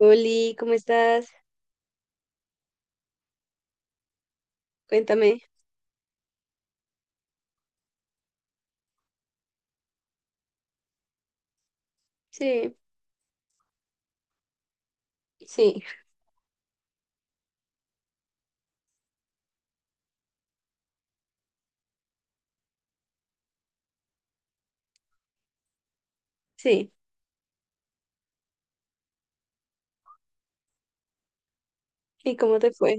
Oli, ¿cómo estás? Cuéntame. Sí, sí, sí. ¿Y cómo te fue?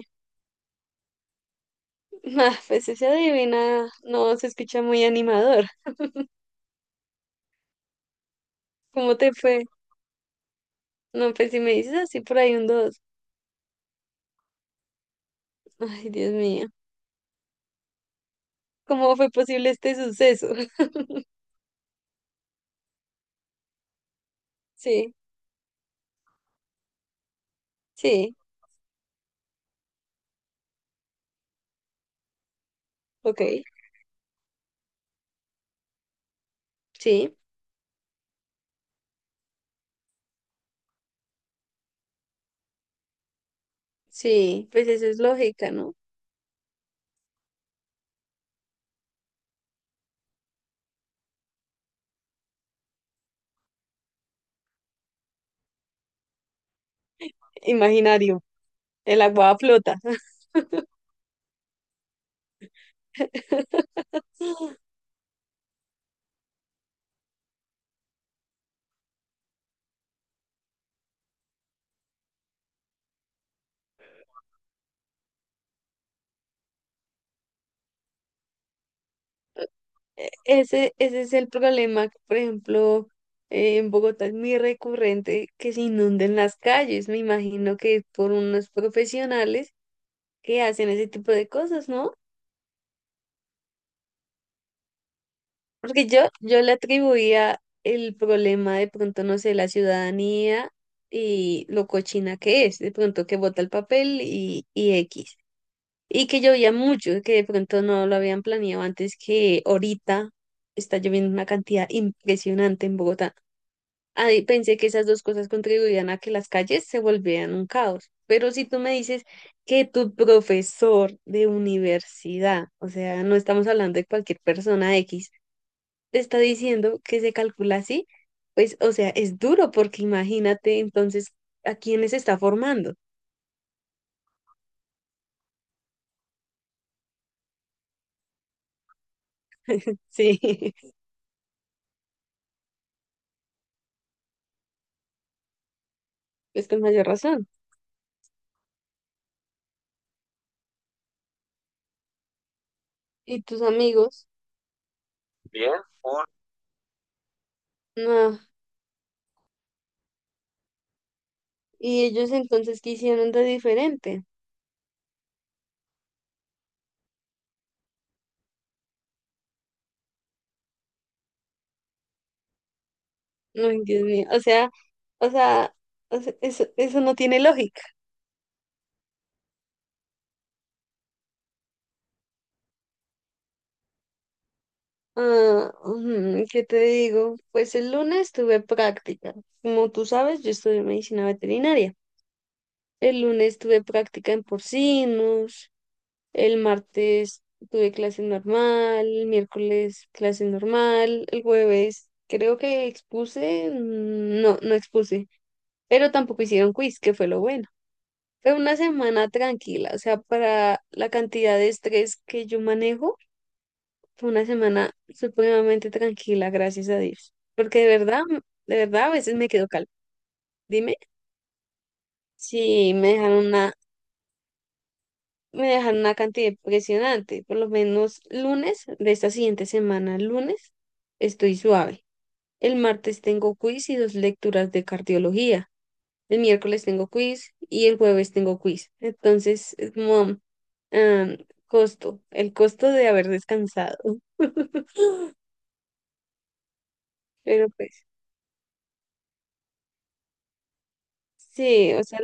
Ah, pues esa adivina no se escucha muy animador. ¿Cómo te fue? No, pues si me dices así por ahí un dos. Ay, Dios mío. ¿Cómo fue posible este suceso? Sí, sí, ok. Sí, sí, pues eso es lógica, ¿no? Imaginario. El agua flota. Ese es el problema, que, por ejemplo, en Bogotá es muy recurrente que se inunden las calles. Me imagino que es por unos profesionales que hacen ese tipo de cosas, ¿no? Porque yo le atribuía el problema de pronto, no sé, la ciudadanía y lo cochina que es, de pronto que bota el papel y X. Y que llovía mucho, que de pronto no lo habían planeado antes que ahorita está lloviendo una cantidad impresionante en Bogotá. Ahí pensé que esas dos cosas contribuían a que las calles se volvieran un caos. Pero si tú me dices que tu profesor de universidad, o sea, no estamos hablando de cualquier persona X, te está diciendo que se calcula así, pues, o sea, es duro porque imagínate entonces a quiénes está formando. Sí, es con mayor razón. ¿Y tus amigos? Bien, un- no. ¿Y ellos entonces qué hicieron de diferente? No, ay, Dios mío, o sea, o sea, o sea, eso no tiene lógica. Ah, ujú, ¿qué te digo? Pues el lunes tuve práctica. Como tú sabes, yo estudié medicina veterinaria. El lunes tuve práctica en porcinos, el martes tuve clase normal, el miércoles clase normal, el jueves creo que expuse. No, no expuse, pero tampoco hicieron quiz, que fue lo bueno. Fue una semana tranquila, o sea, para la cantidad de estrés que yo manejo, fue una semana supremamente tranquila, gracias a Dios. Porque de verdad, a veces me quedo calma. Dime si me dejaron una cantidad impresionante. Por lo menos lunes de esta siguiente semana, lunes, estoy suave. El martes tengo quiz y dos lecturas de cardiología. El miércoles tengo quiz y el jueves tengo quiz. Entonces, es como am, costo, el costo de haber descansado. Pero pues, sí, o sea,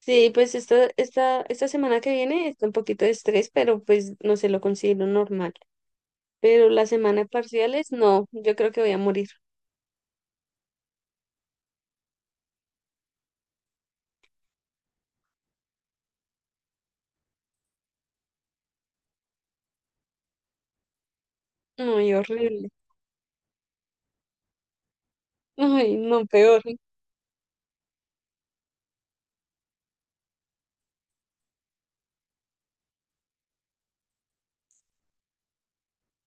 sí, pues esta semana que viene está un poquito de estrés, pero pues no se lo considero normal. Pero la semana de parciales, no, yo creo que voy a morir. Ay, horrible. Ay, no, peor.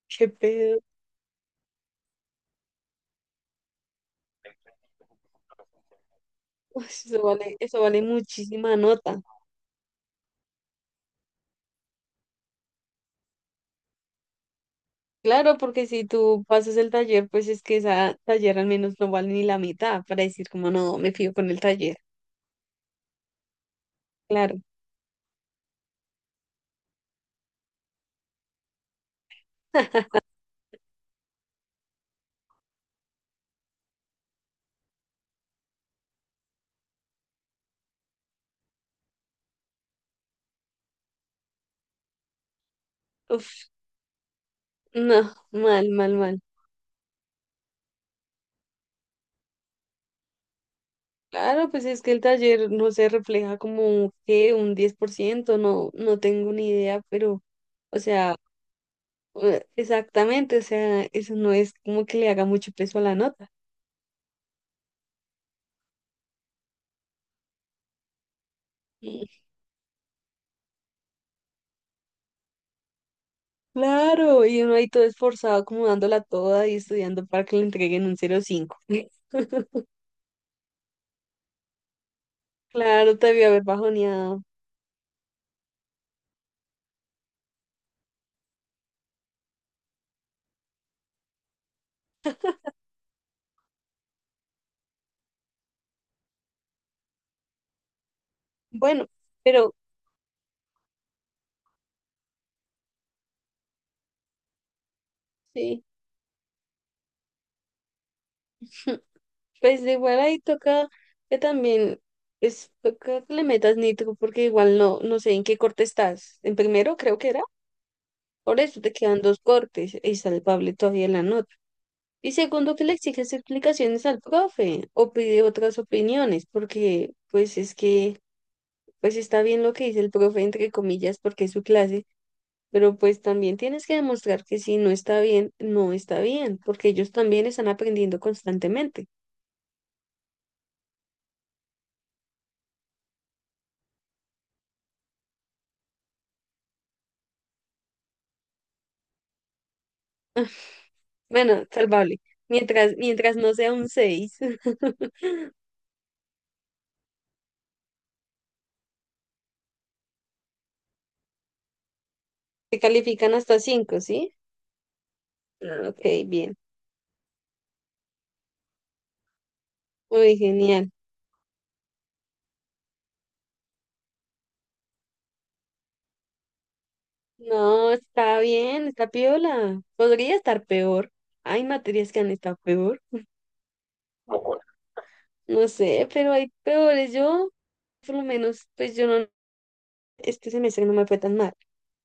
Qué pedo. Uy, eso vale, eso vale muchísima nota. Claro, porque si tú pasas el taller, pues es que esa taller al menos no vale ni la mitad para decir como no, me fío con el taller. Claro. Uf, no, mal, mal, mal. Claro, pues es que el taller no se refleja como que un 10%, no, no tengo ni idea, pero, o sea, exactamente, o sea, eso no es como que le haga mucho peso a la nota. Mm, claro, y uno ahí todo esforzado, como dándola toda y estudiando para que le entreguen un 0,5. Claro, te debió haber bajoneado. Bueno, pero sí, pues de igual ahí toca que también, es toca que le metas nitro, porque igual no, no sé en qué corte estás. En primero creo que era, por eso te quedan dos cortes y salvable todavía en la nota. Y segundo, que le exiges explicaciones al profe o pide otras opiniones, porque pues es que, pues está bien lo que dice el profe, entre comillas, porque es su clase. Pero pues también tienes que demostrar que si no está bien, no está bien, porque ellos también están aprendiendo constantemente. Bueno, salvable. Mientras, mientras no sea un 6. Se califican hasta 5, ¿sí? Ah, ok, bien. Uy, genial. No, está bien, está piola. Podría estar peor. Hay materias que han estado peor. No sé, pero hay peores. Yo, por lo menos, pues yo no, este semestre no me fue tan mal.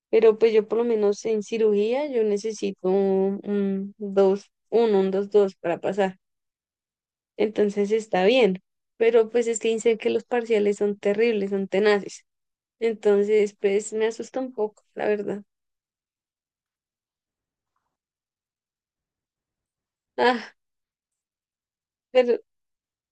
Pero pues yo por lo menos en cirugía yo necesito 1, 2 para pasar. Entonces está bien, pero pues es que dicen que los parciales son terribles, son tenaces. Entonces, pues me asusta un poco, la verdad. Ah, pero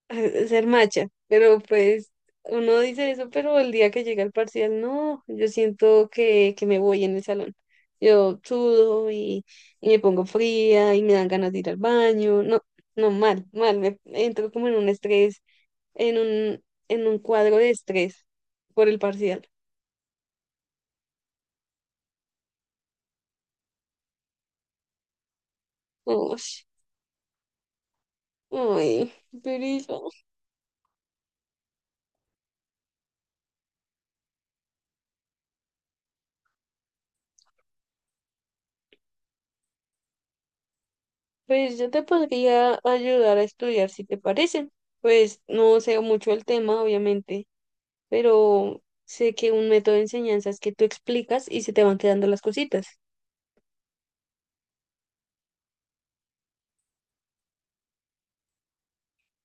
ser macha, pero pues uno dice eso, pero el día que llega el parcial, no, yo siento que me voy en el salón. Yo sudo y me pongo fría y me dan ganas de ir al baño. No, no, mal, mal, me entro como en un estrés, en un, en un cuadro de estrés por el parcial. Ush. Ay, pero pues yo te podría ayudar a estudiar si te parece. Pues no sé mucho el tema, obviamente, pero sé que un método de enseñanza es que tú explicas y se te van quedando las cositas.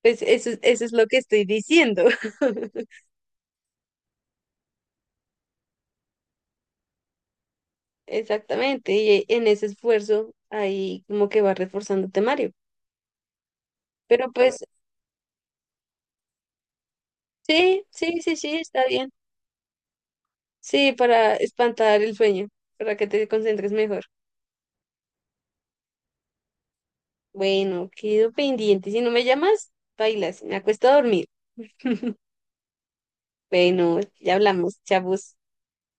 Pues eso, eso es lo que estoy diciendo. Exactamente, y en ese esfuerzo ahí como que va reforzando el temario. Pero pues sí, sí, sí, sí, está bien. Sí, para espantar el sueño, para que te concentres mejor. Bueno, quedo pendiente. Si no me llamas, bailas. Me acuesto a dormir. Bueno, ya hablamos, chavos.